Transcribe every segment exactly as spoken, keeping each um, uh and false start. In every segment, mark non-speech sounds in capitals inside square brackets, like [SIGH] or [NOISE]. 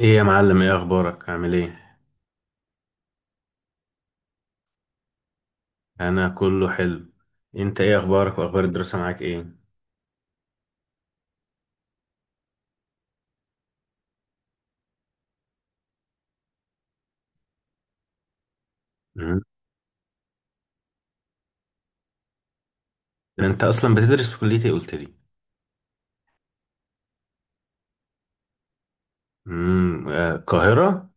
ايه يا معلم، ايه اخبارك؟ عامل ايه؟ انا كله حلو. انت ايه اخبارك واخبار الدراسة معاك ايه؟ مم. انت اصلا بتدرس في كلية ايه، قلت لي؟ امم آه، القاهرة.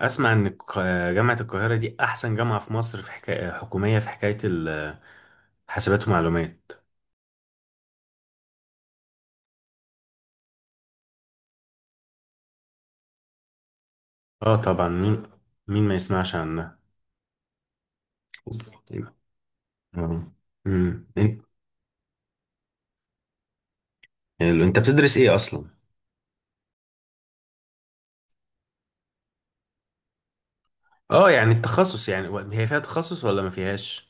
اسمع، ان الق- آه، جامعة القاهرة دي احسن جامعة في مصر، في حكاية حكومية، في حكاية الحاسبات ومعلومات. اه طبعا، مين مين ما يسمعش عنها؟ آه. مم. انت. حلو. أنت بتدرس ايه اصلا؟ اه يعني التخصص يعني، هي فيها تخصص ولا ما فيهاش؟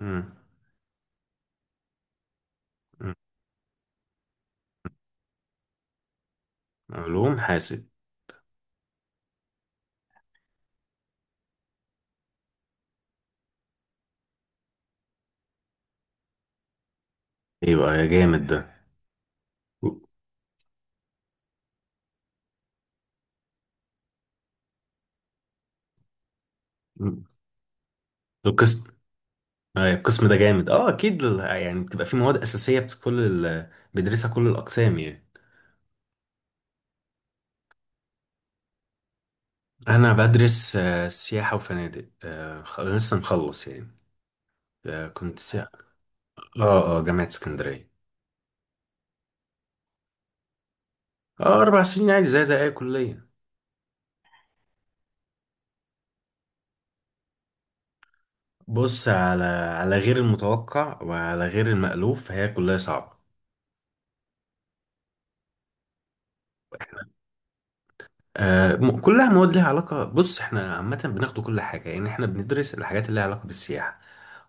امم. علوم حاسب. ايوه، يا جامد ده. القسم آه، القسم ده جامد. اه اكيد ال- يعني بتبقى في مواد اساسيه بت- كل ال... بيدرسها كل الاقسام يعني. انا بدرس آه، سياحه وفنادق، آه، خ- لسه مخلص يعني. آه، كنت سياحة. اه اه، جامعه اسكندريه. اه اربع سنين عادي، زي زي اي كليه. بص، على على غير المتوقع وعلى غير المألوف، فهي كلها صعبه. احنا آه م- كلها مواد ليها علاقه. بص، احنا عامه بناخد كل حاجه، يعني احنا بندرس الحاجات اللي ليها علاقه بالسياحه،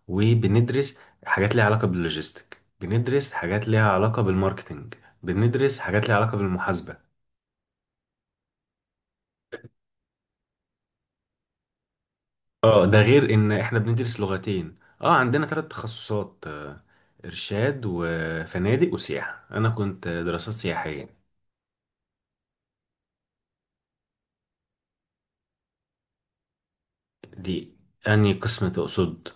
وبندرس حاجات ليها علاقة باللوجيستيك، بندرس حاجات ليها علاقة بالماركتينج، بندرس حاجات ليها علاقة بالمحاسبة. اه ده غير ان احنا بندرس لغتين، اه عندنا ثلاث تخصصات، آه، ارشاد وفنادق وسياحة. انا كنت دراسات سياحية. دي انهي قسم تقصد؟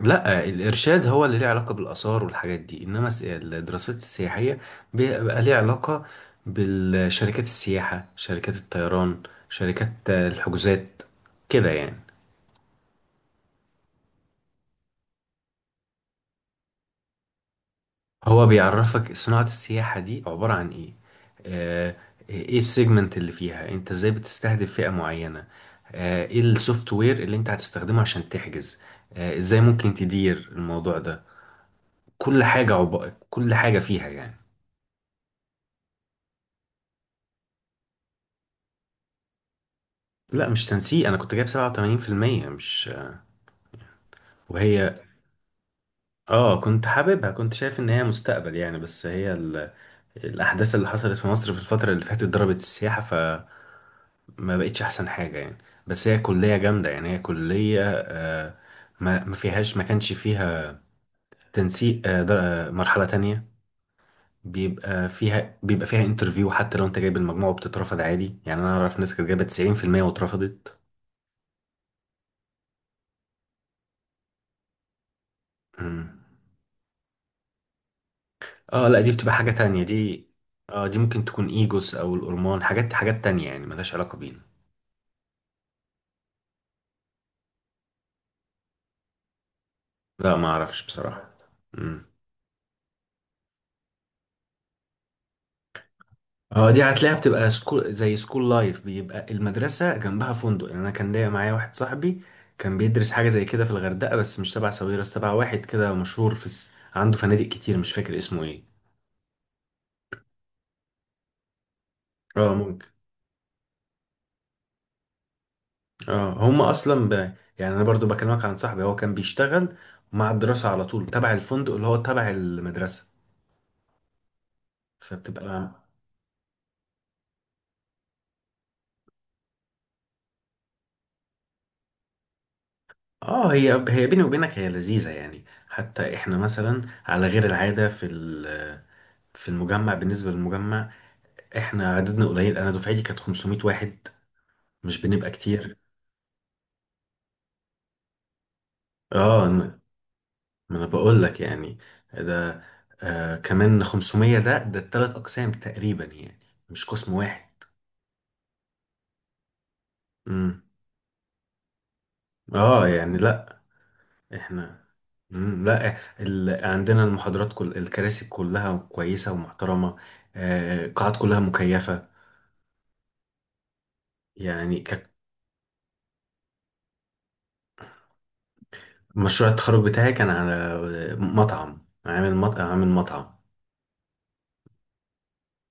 لا، الإرشاد هو اللي ليه علاقة بالآثار والحاجات دي، إنما الس- الدراسات السياحية بيبقى ليه علاقة بالشركات السياحة، شركات الطيران، شركات آه، الحجوزات، كده يعني. هو بيعرفك صناعة السياحة دي عبارة عن إيه. آه، إيه السيجمنت اللي فيها أنت؟ إزاي بتستهدف فئة معينة؟ آه، إيه السوفت وير اللي أنت هتستخدمه عشان تحجز؟ آه، إزاي ممكن تدير الموضوع ده؟ كل حاجة عب... كل حاجة فيها يعني. لا مش تنسيق، انا كنت جايب سبعة وثمانين في المية، مش. وهي، اه كنت حاببها، كنت شايف ان هي مستقبل يعني، بس هي ال... الاحداث اللي حصلت في مصر في الفترة اللي فاتت ضربت السياحة، فما بقتش احسن حاجة يعني. بس هي كلية جامدة يعني، هي كلية آه. ما... ما فيهاش ما كانش فيها تنسيق. آه در... آه، مرحلة تانية. بيبقى فيها بيبقى فيها انترفيو، حتى لو انت جايب المجموع وبتترفض عادي يعني. انا اعرف ناس كانت جايبة تسعين في المية واترفضت. مم. اه لا، دي بتبقى حاجة تانية دي. اه دي ممكن تكون ايجوس او الهرمون، حاجات حاجات تانية يعني، ملهاش علاقة بينا. لا، ما اعرفش بصراحة. امم. اه دي هتلاقيها بتبقى سكول، زي سكول لايف، بيبقى المدرسة جنبها فندق يعني. انا كان ليا، معايا واحد صاحبي كان بيدرس حاجة زي كده في الغردقة، بس مش تبع ساويرس، تبع واحد كده مشهور في س... عنده فنادق كتير، مش فاكر اسمه ايه. اه ممكن. اه هم اصلا ب... يعني انا برضو بكلمك عن صاحبي، هو كان بيشتغل مع الدراسة على طول، تبع الفندق اللي هو تبع المدرسة، فبتبقى. اه هي هي بيني وبينك، هي لذيذة يعني. حتى احنا مثلا، على غير العادة، في ال- في المجمع، بالنسبة للمجمع احنا عددنا قليل، انا دفعتي كانت خمسمائة واحد، مش بنبقى كتير. اه ما ما انا بقول لك يعني. ده آه كمان خمسمية، ده ده التلات اقسام تقريبا يعني، مش قسم واحد. امم. اه يعني لا. احنا، مم، لا ال... عندنا المحاضرات، كل الكراسي كلها كويسة ومحترمة، آه، القاعات كلها مكيفة يعني ك- مشروع التخرج بتاعي كان على مطعم. عامل مطعم عامل مطعم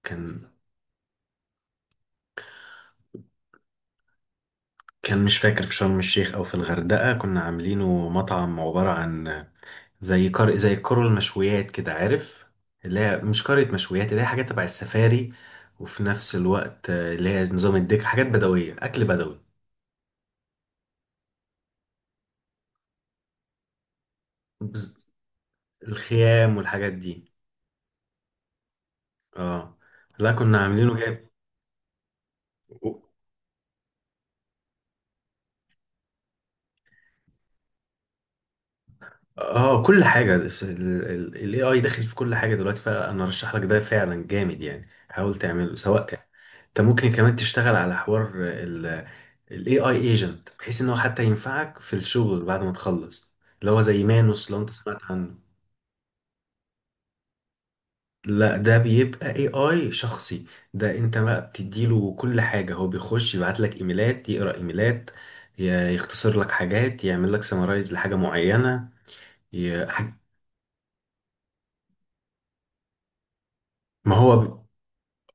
كان كان مش فاكر في شرم الشيخ او في الغردقة، كنا عاملينه مطعم عبارة عن زي كار زي كرة المشويات كده، عارف، اللي هي مش كرة مشويات، اللي هي حاجات تبع السفاري، وفي نفس الوقت اللي هي نظام الدك، حاجات بدوية، أكل بدوي. بز- الخيام والحاجات دي. اه لا، كنا عاملينه. جامد. اه، كل حاجة الاي إيه آي داخل في كل حاجة دلوقتي، فانا ارشح لك ده، فعلا جامد يعني، حاول تعمله سواء. انت ممكن كمان تشتغل على حوار الاي إيه آي ايجنت، بحيث ان هو حتى ينفعك في الشغل بعد ما تخلص، اللي هو زي مانوس لو انت سمعت عنه. لا، ده بيبقى اي اي شخصي، ده انت بقى بتديله كل حاجة، هو بيخش يبعت لك ايميلات، يقرأ ايميلات، ي- يختصر لك حاجات، يعمل لك سمرايز لحاجة معينة. ي- ما هو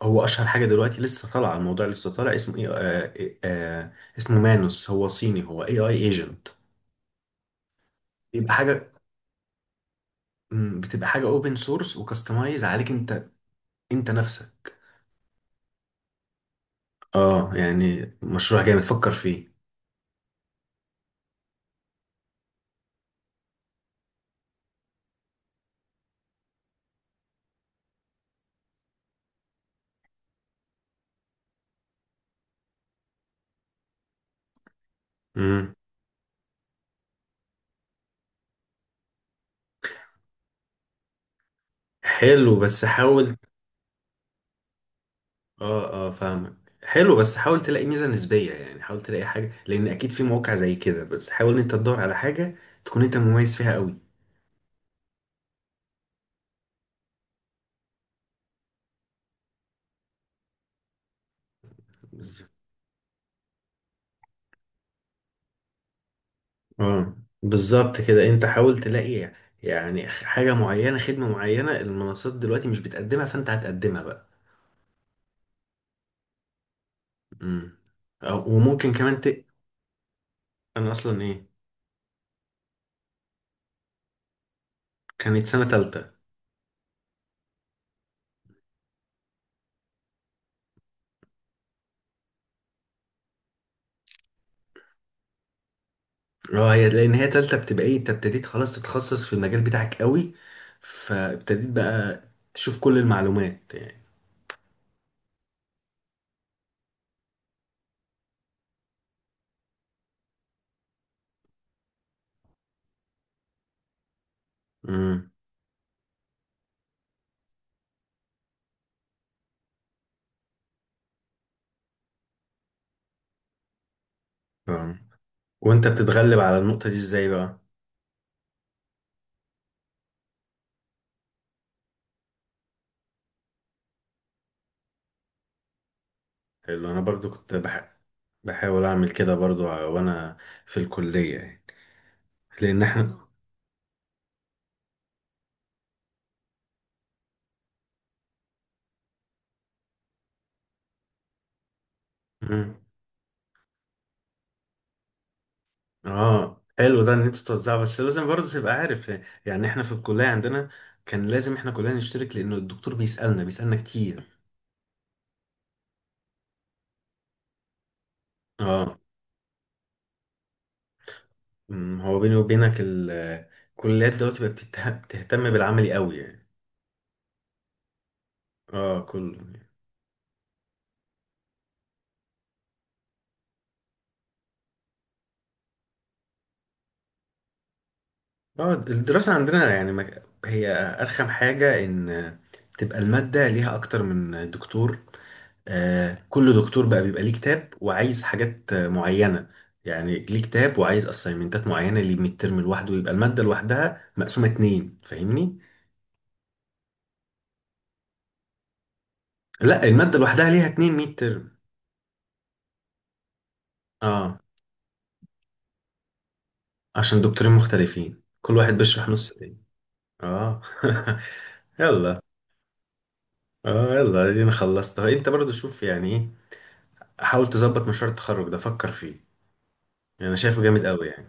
هو اشهر حاجه دلوقتي، لسه طالعه، الموضوع لسه طالع، اسمه ايه، آه آه آه، اسمه مانوس. هو صيني، هو اي اي ايجنت. بيبقى حاجه مم، بتبقى حاجه اوبن سورس، وكستمايز عليك انت، انت نفسك. اه يعني مشروع جامد، فكر فيه. امم. حلو، بس حاول. اه اه، فاهمك. حلو، بس حاول تلاقي ميزه نسبيه يعني، حاول تلاقي حاجه، لان اكيد في مواقع زي كده، بس حاول ان انت تدور على حاجه تكون انت مميز فيها قوي. اه بالظبط كده، انت حاول تلاقي يعني حاجة معينة، خدمة معينة، المنصات دلوقتي مش بتقدمها، فانت هتقدمها بقى. امم. أو- وممكن كمان ت... انا اصلا ايه. كانت سنة تالتة. اه هي، لان هي تالتة بتبقى ايه، انت ابتديت خلاص تتخصص في المجال بتاعك قوي، فابتديت بقى تشوف كل المعلومات يعني. امم. فاهم. وانت بتتغلب على النقطة دي ازاي بقى؟ اللي انا برضو كنت بح... بحاول اعمل كده برضو، وانا في الكلية يعني، لان احنا. مم. اه حلو ده، ان انت توزعه، بس لازم برضه تبقى عارف، يعني احنا في الكليه عندنا كان لازم احنا كلنا نشترك، لانه الدكتور بيسالنا بيسالنا كتير. اه، مم، هو بيني وبينك ال- الكليات دلوقتي بقت بتته- بتهتم بالعملي قوي يعني. اه كل اه الدراسه عندنا يعني، ما- هي ارخم حاجه، ان تبقى الماده ليها اكتر من دكتور، آه، كل دكتور بقى بيبقى ليه كتاب، وعايز حاجات آه، معينة، يعني ليه كتاب وعايز اسايمنتات معينة، ليه ميد ترم لوحده، ويبقى المادة لوحدها مقسومة اتنين، فاهمني؟ لا، المادة لوحدها ليها اتنين ميد ترم. اه عشان دكتورين مختلفين، كل واحد بيشرح نص تاني. اه [LAUGHS] يلا اه يلا ادينا خلصت. انت برضو شوف يعني ايه، حاول تظبط مشروع التخرج ده، فكر فيه يعني، انا شايفه جامد قوي يعني.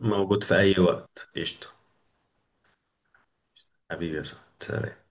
موجود في اي وقت، قشطة. حبيبي يا صاحبي.